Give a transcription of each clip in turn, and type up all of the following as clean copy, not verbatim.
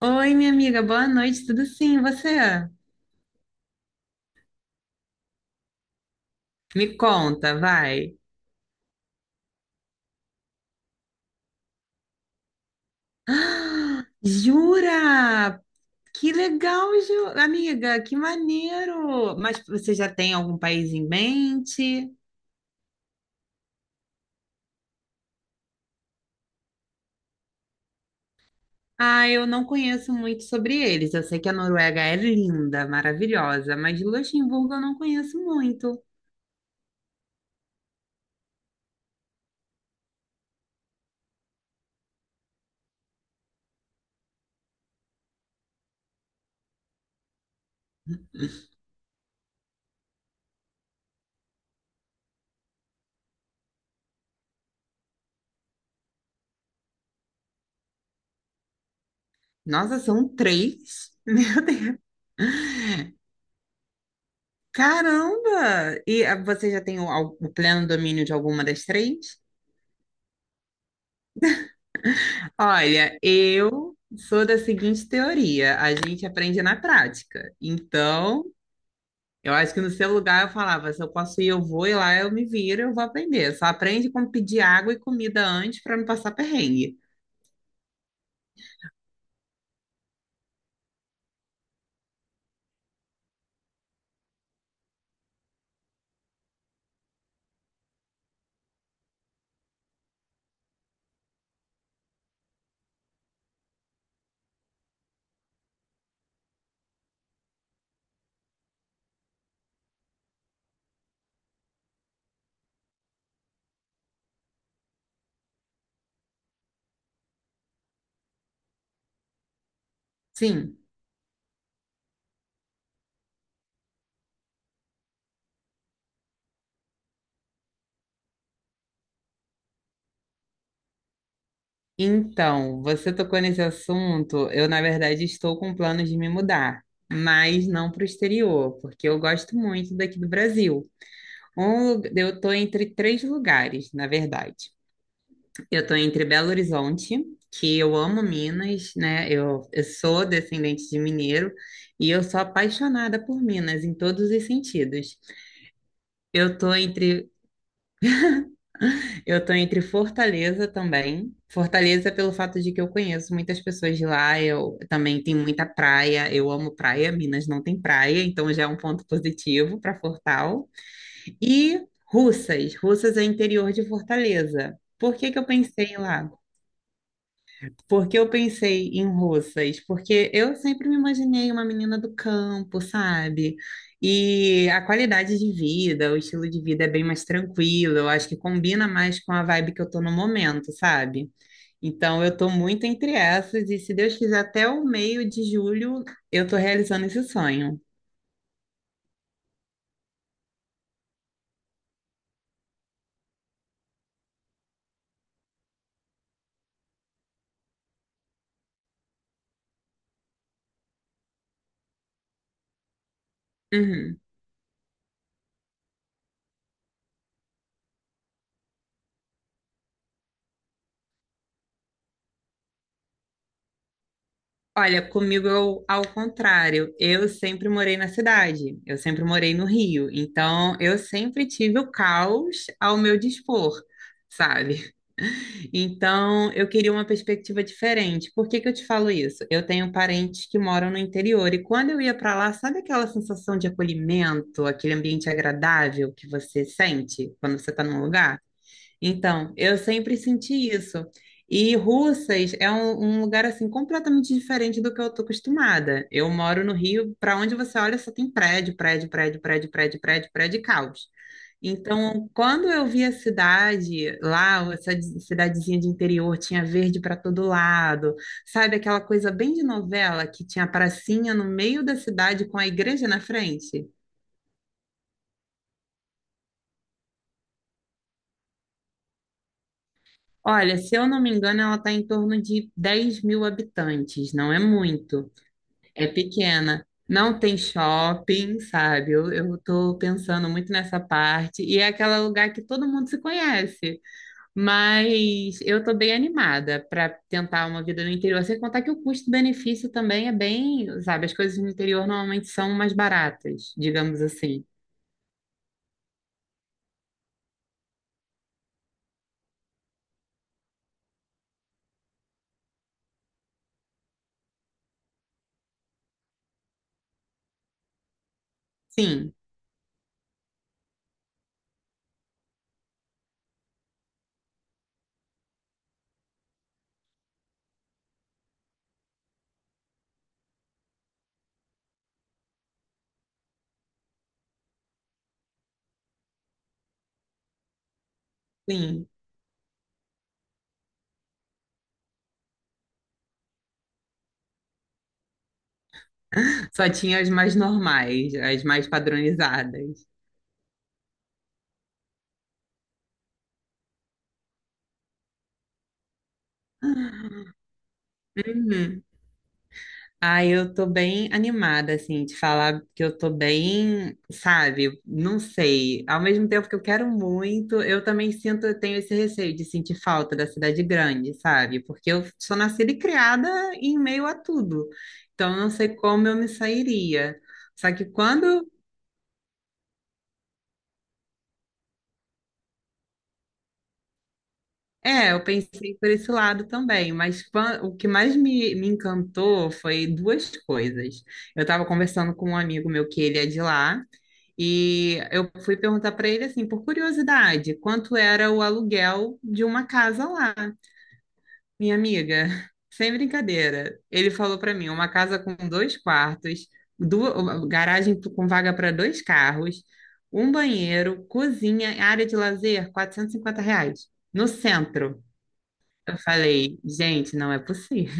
Oi, minha amiga, boa noite, tudo sim, e você? Me conta, vai. Ah, jura? Que legal, amiga, que maneiro! Mas você já tem algum país em mente? Ah, eu não conheço muito sobre eles. Eu sei que a Noruega é linda, maravilhosa, mas Luxemburgo eu não conheço muito. Nossa, são três? Caramba! E você já tem o pleno domínio de alguma das três? Olha, eu sou da seguinte teoria: a gente aprende na prática. Então, eu acho que no seu lugar eu falava: se eu posso ir, eu vou, e lá eu me viro, eu vou aprender. Só aprende como pedir água e comida antes para não passar perrengue. Sim. Então, você tocou nesse assunto. Eu, na verdade, estou com planos de me mudar, mas não para o exterior, porque eu gosto muito daqui do Brasil. Eu estou entre três lugares, na verdade. Eu tô entre Belo Horizonte, que eu amo Minas, né? Eu sou descendente de mineiro e eu sou apaixonada por Minas em todos os sentidos. Eu tô entre, eu tô entre Fortaleza também. Fortaleza pelo fato de que eu conheço muitas pessoas de lá, eu também tenho muita praia, eu amo praia, Minas não tem praia, então já é um ponto positivo para Fortal. E Russas, Russas é interior de Fortaleza. Por que que eu pensei lá? Por que eu pensei em russas? Porque eu sempre me imaginei uma menina do campo, sabe? E a qualidade de vida, o estilo de vida é bem mais tranquilo. Eu acho que combina mais com a vibe que eu tô no momento, sabe? Então eu tô muito entre essas e se Deus quiser até o meio de julho eu tô realizando esse sonho. Uhum. Olha, comigo eu, ao contrário, eu sempre morei na cidade, eu sempre morei no Rio, então eu sempre tive o caos ao meu dispor, sabe? Então eu queria uma perspectiva diferente. Por que que eu te falo isso? Eu tenho parentes que moram no interior e quando eu ia para lá, sabe aquela sensação de acolhimento, aquele ambiente agradável que você sente quando você está num lugar? Então, eu sempre senti isso. E Russas é um lugar assim completamente diferente do que eu tô acostumada. Eu moro no Rio, para onde você olha só tem prédio, prédio, prédio, prédio, prédio, prédio, prédio, e caos. Então, quando eu vi a cidade lá, essa cidadezinha de interior, tinha verde para todo lado, sabe aquela coisa bem de novela que tinha a pracinha no meio da cidade com a igreja na frente? Olha, se eu não me engano, ela está em torno de 10 mil habitantes, não é muito, é pequena. Não tem shopping, sabe? Eu tô pensando muito nessa parte. E é aquele lugar que todo mundo se conhece. Mas eu tô bem animada para tentar uma vida no interior. Sem contar que o custo-benefício também é bem, sabe? As coisas no interior normalmente são mais baratas, digamos assim. Sim, sim. Só tinha as mais normais, as mais padronizadas. Uhum. Ah, eu tô bem animada, assim, de falar que eu tô bem, sabe? Não sei. Ao mesmo tempo que eu quero muito, eu também sinto, eu tenho esse receio de sentir falta da cidade grande, sabe? Porque eu sou nascida e criada em meio a tudo. Então, eu não sei como eu me sairia. Só que quando. É, eu pensei por esse lado também, mas o que mais me encantou foi duas coisas. Eu estava conversando com um amigo meu que ele é de lá. E eu fui perguntar para ele assim, por curiosidade, quanto era o aluguel de uma casa lá, minha amiga. Sem brincadeira. Ele falou para mim, uma casa com dois quartos, duas, garagem com vaga para dois carros, um banheiro, cozinha, área de lazer, R$ 450, no centro. Eu falei, gente, não é possível.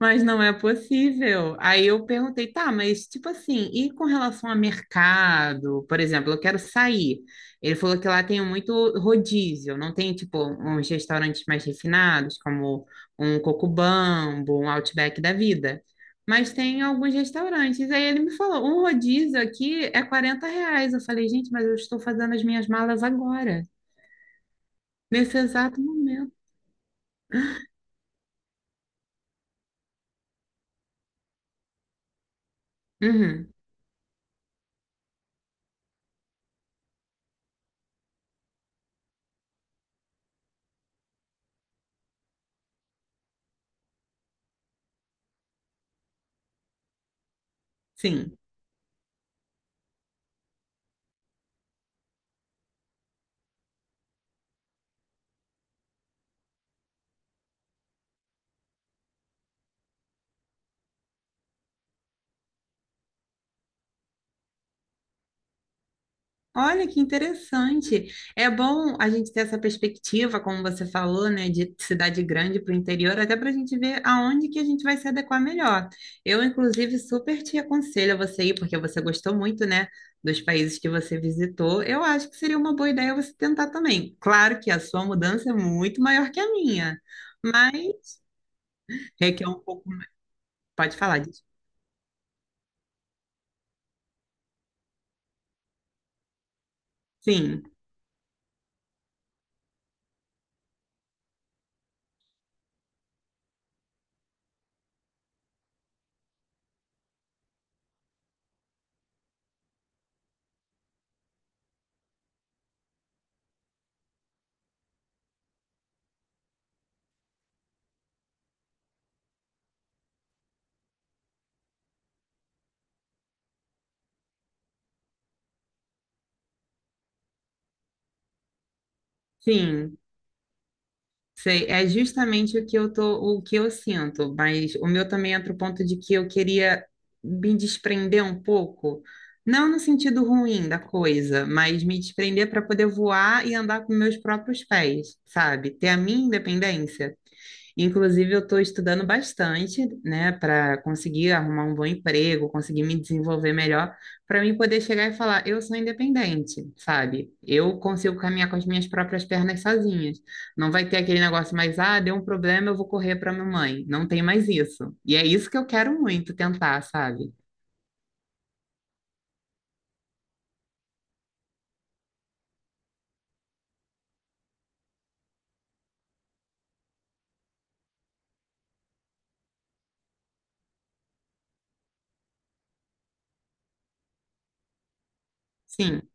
Mas não é possível. Aí eu perguntei, tá, mas tipo assim, e com relação a mercado? Por exemplo, eu quero sair. Ele falou que lá tem muito rodízio, não tem tipo uns restaurantes mais refinados, como um Cocobambo, um Outback da vida. Mas tem alguns restaurantes. Aí ele me falou, um rodízio aqui é R$ 40. Eu falei, gente, mas eu estou fazendo as minhas malas agora, nesse exato momento. Uhum, sim. Olha que interessante. É bom a gente ter essa perspectiva, como você falou, né, de cidade grande para o interior, até para a gente ver aonde que a gente vai se adequar melhor. Eu, inclusive, super te aconselho a você ir, porque você gostou muito, né, dos países que você visitou. Eu acho que seria uma boa ideia você tentar também. Claro que a sua mudança é muito maior que a minha, mas requer um pouco. Pode falar disso. Sim, sim. Sei, é justamente o que eu tô, o que eu sinto, mas o meu também entra o ponto de que eu queria me desprender um pouco, não no sentido ruim da coisa, mas me desprender para poder voar e andar com meus próprios pés, sabe? Ter a minha independência. Inclusive, eu estou estudando bastante, né, para conseguir arrumar um bom emprego, conseguir me desenvolver melhor, para mim poder chegar e falar, eu sou independente, sabe? Eu consigo caminhar com as minhas próprias pernas sozinhas. Não vai ter aquele negócio mais, ah, deu um problema, eu vou correr para minha mãe. Não tem mais isso. E é isso que eu quero muito tentar, sabe? Sim.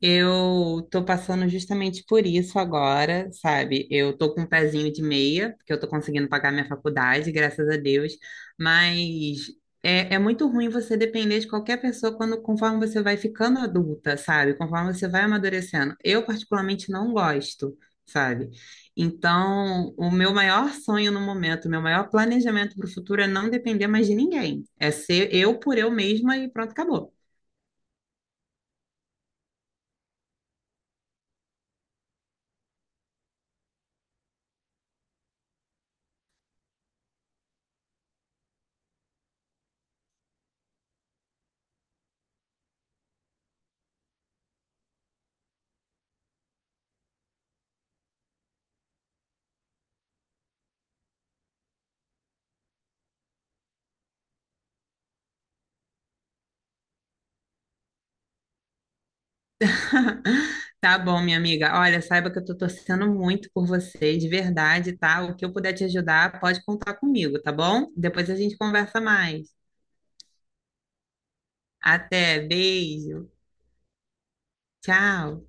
Eu tô passando justamente por isso agora, sabe? Eu tô com um pezinho de meia, porque eu tô conseguindo pagar minha faculdade, graças a Deus, mas é, é muito ruim você depender de qualquer pessoa quando, conforme você vai ficando adulta, sabe? Conforme você vai amadurecendo. Eu, particularmente, não gosto, sabe? Então, o meu maior sonho no momento, o meu maior planejamento para o futuro é não depender mais de ninguém. É ser eu por eu mesma e pronto, acabou. Tá bom, minha amiga. Olha, saiba que eu tô torcendo muito por você, de verdade, tá? O que eu puder te ajudar, pode contar comigo, tá bom? Depois a gente conversa mais. Até, beijo. Tchau.